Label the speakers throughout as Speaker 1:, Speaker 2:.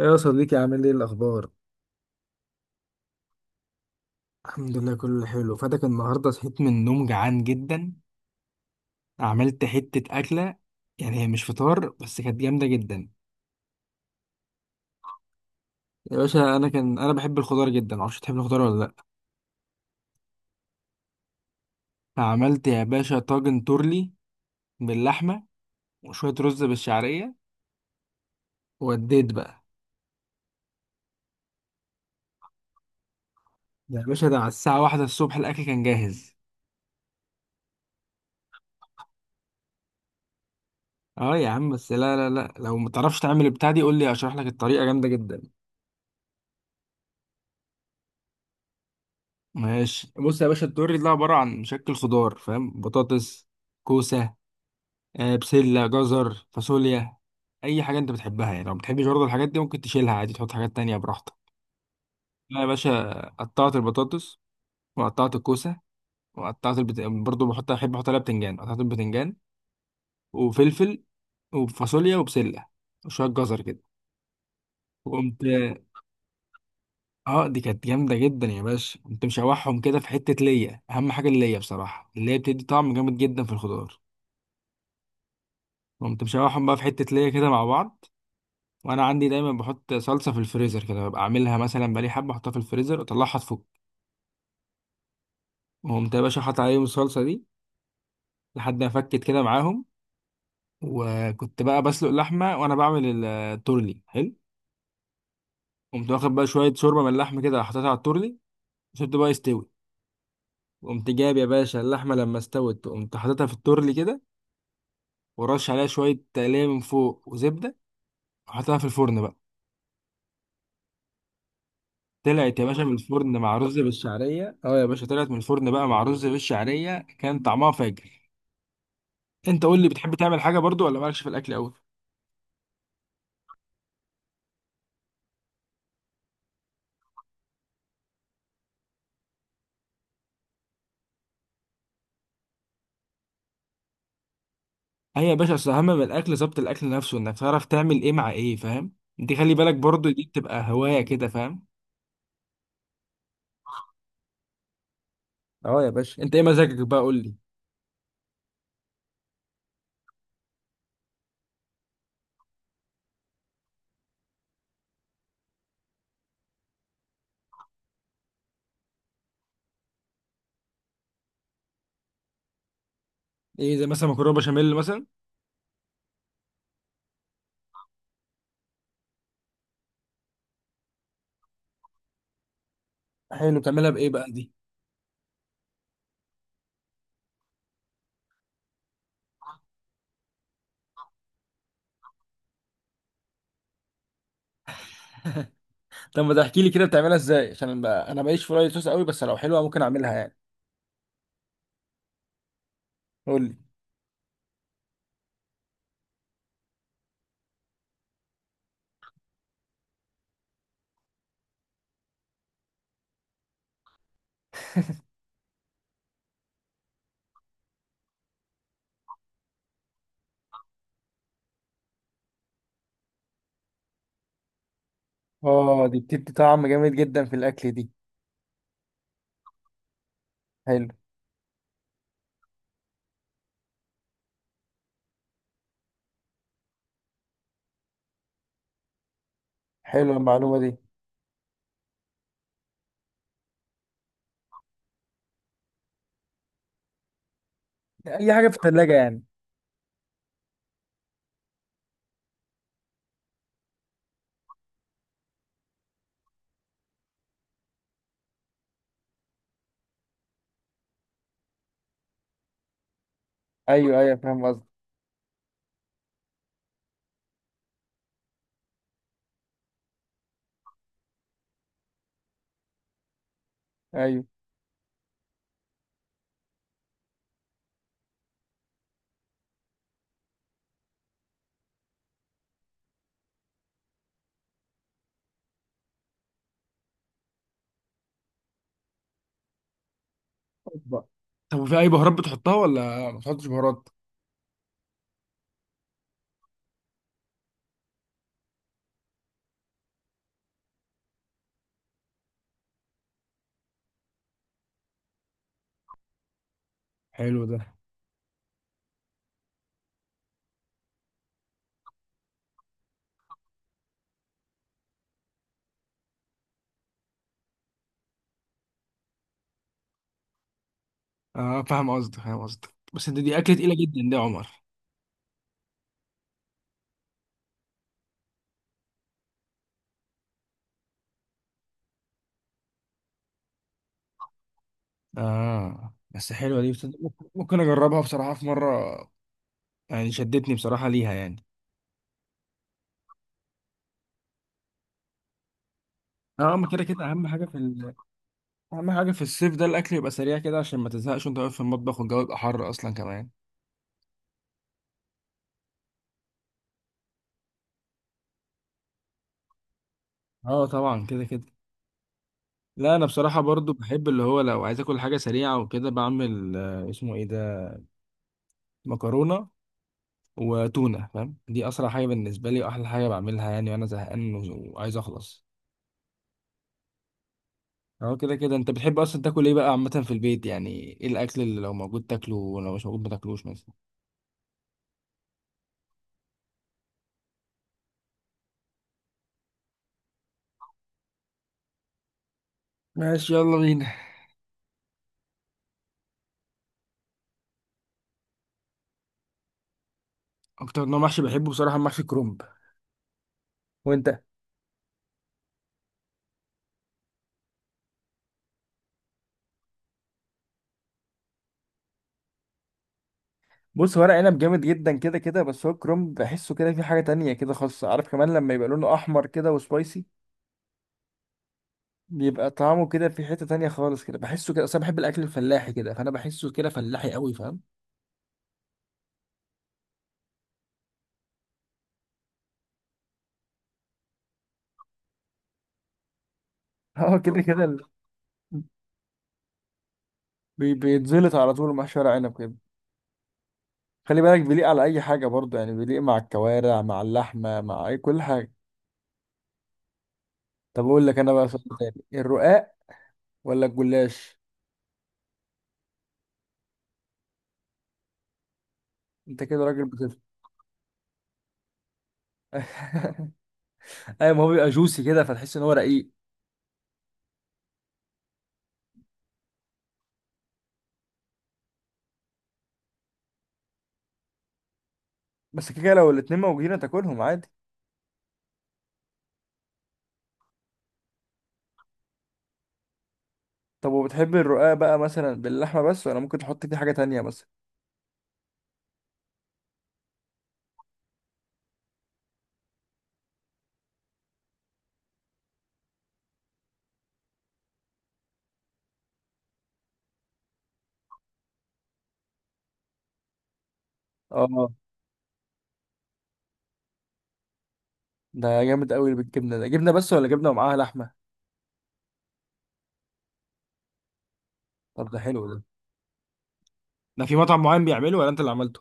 Speaker 1: إيه يا صديقي، عامل ايه الاخبار؟ الحمد لله، كله حلو. فاتك النهارده، صحيت من النوم جعان جدا. عملت حتة أكلة، يعني هي مش فطار بس كانت جامدة جدا. يا باشا، أنا بحب الخضار جدا. معرفش تحب الخضار ولا لأ؟ فعملت يا باشا طاجن تورلي باللحمة وشوية رز بالشعرية، ووديت بقى. يا باشا، ده على الساعة 1 الصبح الأكل كان جاهز. اه يا عم، بس لا لا لا، لو متعرفش تعمل البتاع دي قول لي أشرح لك الطريقة، جامدة جدا. ماشي، بص يا باشا، الدوري ده عبارة عن مشكل خضار، فاهم؟ بطاطس، كوسة، بسلة، جزر، فاصوليا، أي حاجة أنت بتحبها. يعني لو بتحبش برضه الحاجات دي، ممكن تشيلها عادي، تحط حاجات تانية براحتك. أنا يا باشا قطعت البطاطس، وقطعت الكوسة، برضه بحط، أحب أحط عليها بتنجان، قطعت البتنجان وفلفل وفاصوليا وبسلة وشوية جزر كده. وقمت، اه دي كانت جامدة جدا يا باشا. قمت مشوحهم كده في حتة ليا، أهم حاجة الليا بصراحة، اللي هي بتدي طعم جامد جدا في الخضار. قمت مشوحهم بقى في حتة ليا كده مع بعض. وانا عندي دايما بحط صلصة في الفريزر كده، ببقى اعملها مثلا بقالي حبة، احطها في الفريزر اطلعها تفك. وقمت يا باشا حاطط عليهم الصلصة دي لحد ما فكت كده معاهم. وكنت بقى بسلق اللحمة وانا بعمل التورلي. حلو. قمت واخد بقى شوية شوربة من اللحمة كده، حطيتها على التورلي، وسبته بقى يستوي. قمت جايب يا باشا اللحمة، لما استوت قمت حاططها في التورلي كده، ورش عليها شوية تقلية من فوق وزبدة، وحطيتها في الفرن بقى. طلعت يا باشا من الفرن مع رز بالشعريه، اه يا باشا طلعت من الفرن بقى مع رز بالشعريه، كان طعمها فاجر. انت قول لي، بتحب تعمل حاجه برضو ولا مالكش في الاكل قوي؟ هي يا باشا اصل اهم من الاكل ظبط الاكل نفسه، انك تعرف تعمل ايه مع ايه، فاهم؟ دي خلي بالك برضو، دي بتبقى هوايه كده، فاهم. اه يا باشا، انت ايه مزاجك بقى؟ قول لي. ايه زي مثلا مكرونه بشاميل مثلا؟ حلو، بتعملها بايه بقى دي؟ طب ما تحكي لي كده بتعملها ازاي، عشان بقى انا ماليش في رايي صوص قوي، بس لو حلوه ممكن اعملها يعني. قول لي. اه، دي بتدي طعم جامد جدا في الاكل دي. حلو. حلوه المعلومه دي. اي حاجه في الثلاجه يعني؟ ايوه ايوه، فاهم قصدك. ايوه. أوبا. طب وفي اي بهارات بتحطها ولا ما بتحطش بهارات؟ حلو ده. اه فاهم قصدك، فاهم قصدك، بس انت دي اكله تقيله جدا دي يا عمر. اه بس حلوه دي، بس ممكن اجربها بصراحه في مره. يعني شدتني بصراحه ليها يعني. اه ما كده كده اهم حاجه في اهم حاجه في الصيف ده، الاكل يبقى سريع كده عشان ما تزهقش وانت واقف في المطبخ، والجو يبقى حر اصلا كمان. اه طبعا كده كده. لا انا بصراحه برضو بحب اللي هو لو عايز اكل حاجه سريعه وكده، بعمل اسمه ايه ده، مكرونه وتونه. فاهم، دي اسرع حاجه بالنسبه لي، واحلى حاجه بعملها يعني وانا زهقان وعايز اخلص. اهو كده كده. انت بتحب اصلا تاكل ايه بقى عامه في البيت يعني؟ ايه الاكل اللي لو موجود تاكله ولو مش موجود ما تاكلوش مثلا؟ ماشي، يلا بينا. اكتر نوع محشي بحبه بصراحه محشي كرنب. وانت؟ بص، ورق عنب جامد جدا كده كده، بس هو الكرنب بحسه كده في حاجه تانية كده خاصه، عارف، كمان لما يبقى لونه احمر كده وسبايسي، بيبقى طعمه كده في حتة تانية خالص كده، بحسه كده، اصل انا بحب الاكل الفلاحي كده، فانا بحسه كده فلاحي قوي، فاهم. اه كده كده بيتزلط على طول مع شوية عنب كده. خلي بالك بيليق على اي حاجة برضه يعني، بيليق مع الكوارع مع اللحمة مع اي كل حاجة. طب اقول لك انا بقى سؤال تاني، الرقاق ولا الجلاش؟ انت كده راجل بتفهم. ايوه ما هو بيبقى جوسي كده، فتحس ان هو رقيق. بس كده كده لو الاتنين موجودين تاكلهم عادي. طب وبتحب الرقاق بقى مثلا باللحمة بس، ولا ممكن تحط فيه حاجة تانية مثلا؟ اه، ده جامد قوي بالجبنه ده، جبنه بس ولا جبنه ومعاها لحمه؟ طب ده حلو ده. ده في مطعم معين بيعمله ولا انت اللي عملته؟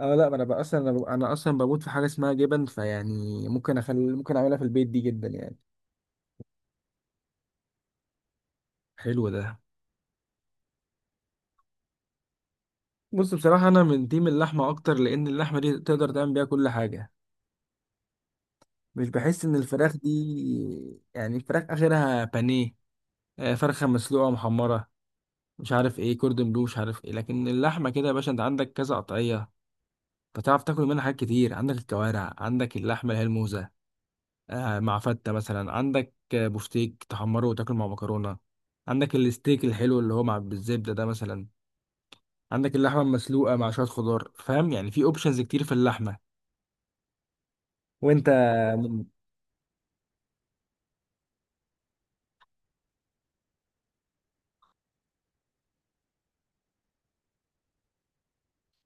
Speaker 1: اه لا، ما انا بقى اصلا أنا اصلا بموت في حاجه اسمها جبن، فيعني ممكن اخلي ممكن اعملها في البيت دي جدا يعني. حلو ده. بص بصراحه انا من تيم اللحمه اكتر، لان اللحمه دي تقدر تعمل بيها كل حاجه. مش بحس ان الفراخ دي، يعني الفراخ اخرها بانيه، فرخه مسلوقه محمره، مش عارف ايه كوردون بلو مش عارف ايه. لكن اللحمه كده يا باشا انت عندك كذا قطعيه، فتعرف تاكل منها حاجات كتير. عندك الكوارع، عندك اللحمه اللي هي الموزه مع فته مثلا، عندك بفتيك تحمره وتاكل مع مكرونه، عندك الستيك الحلو اللي هو مع بالزبده ده مثلا، عندك اللحمه المسلوقه مع شويه خضار. فاهم، يعني في اوبشنز كتير في اللحمه. وانت؟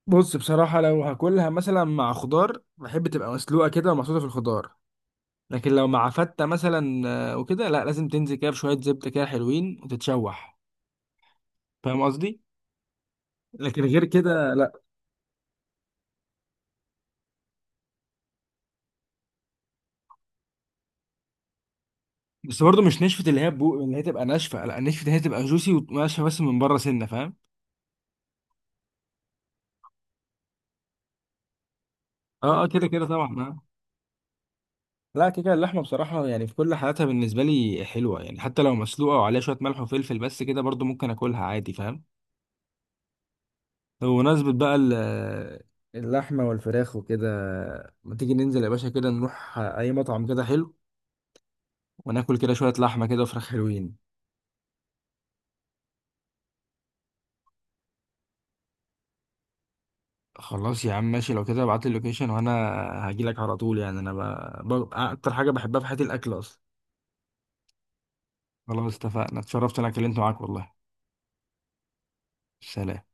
Speaker 1: بص بصراحه، لو هاكلها مثلا مع خضار بحب تبقى مسلوقه كده ومحطوطه في الخضار. لكن لو مع فته مثلا وكده، لا، لازم تنزل كده بشويه زبده كده حلوين وتتشوح، فاهم قصدي؟ لكن غير كده لا. بس برضه مش نشفة اللي هي اللي هي تبقى ناشفة، لا، نشفة اللي هي تبقى جوسي وناشفة بس من بره سنة، فاهم. اه اه كده كده طبعا آه. لا كده كده اللحمة بصراحة يعني في كل حالاتها بالنسبة لي حلوة، يعني حتى لو مسلوقة وعليها شوية ملح وفلفل بس كده برضه ممكن اكلها عادي، فاهم. طب بمناسبة بقى اللحمة والفراخ وكده، ما تيجي ننزل يا باشا كده نروح اي مطعم كده حلو وناكل كده شوية لحمة كده وفراخ حلوين؟ خلاص يا عم، ماشي، لو كده ابعت لي اللوكيشن وانا هجيلك على طول، يعني انا اكتر حاجة بحبها في حياتي الاكل اصلا. خلاص اتفقنا. اتشرفت انا كلمت معاك والله. سلام.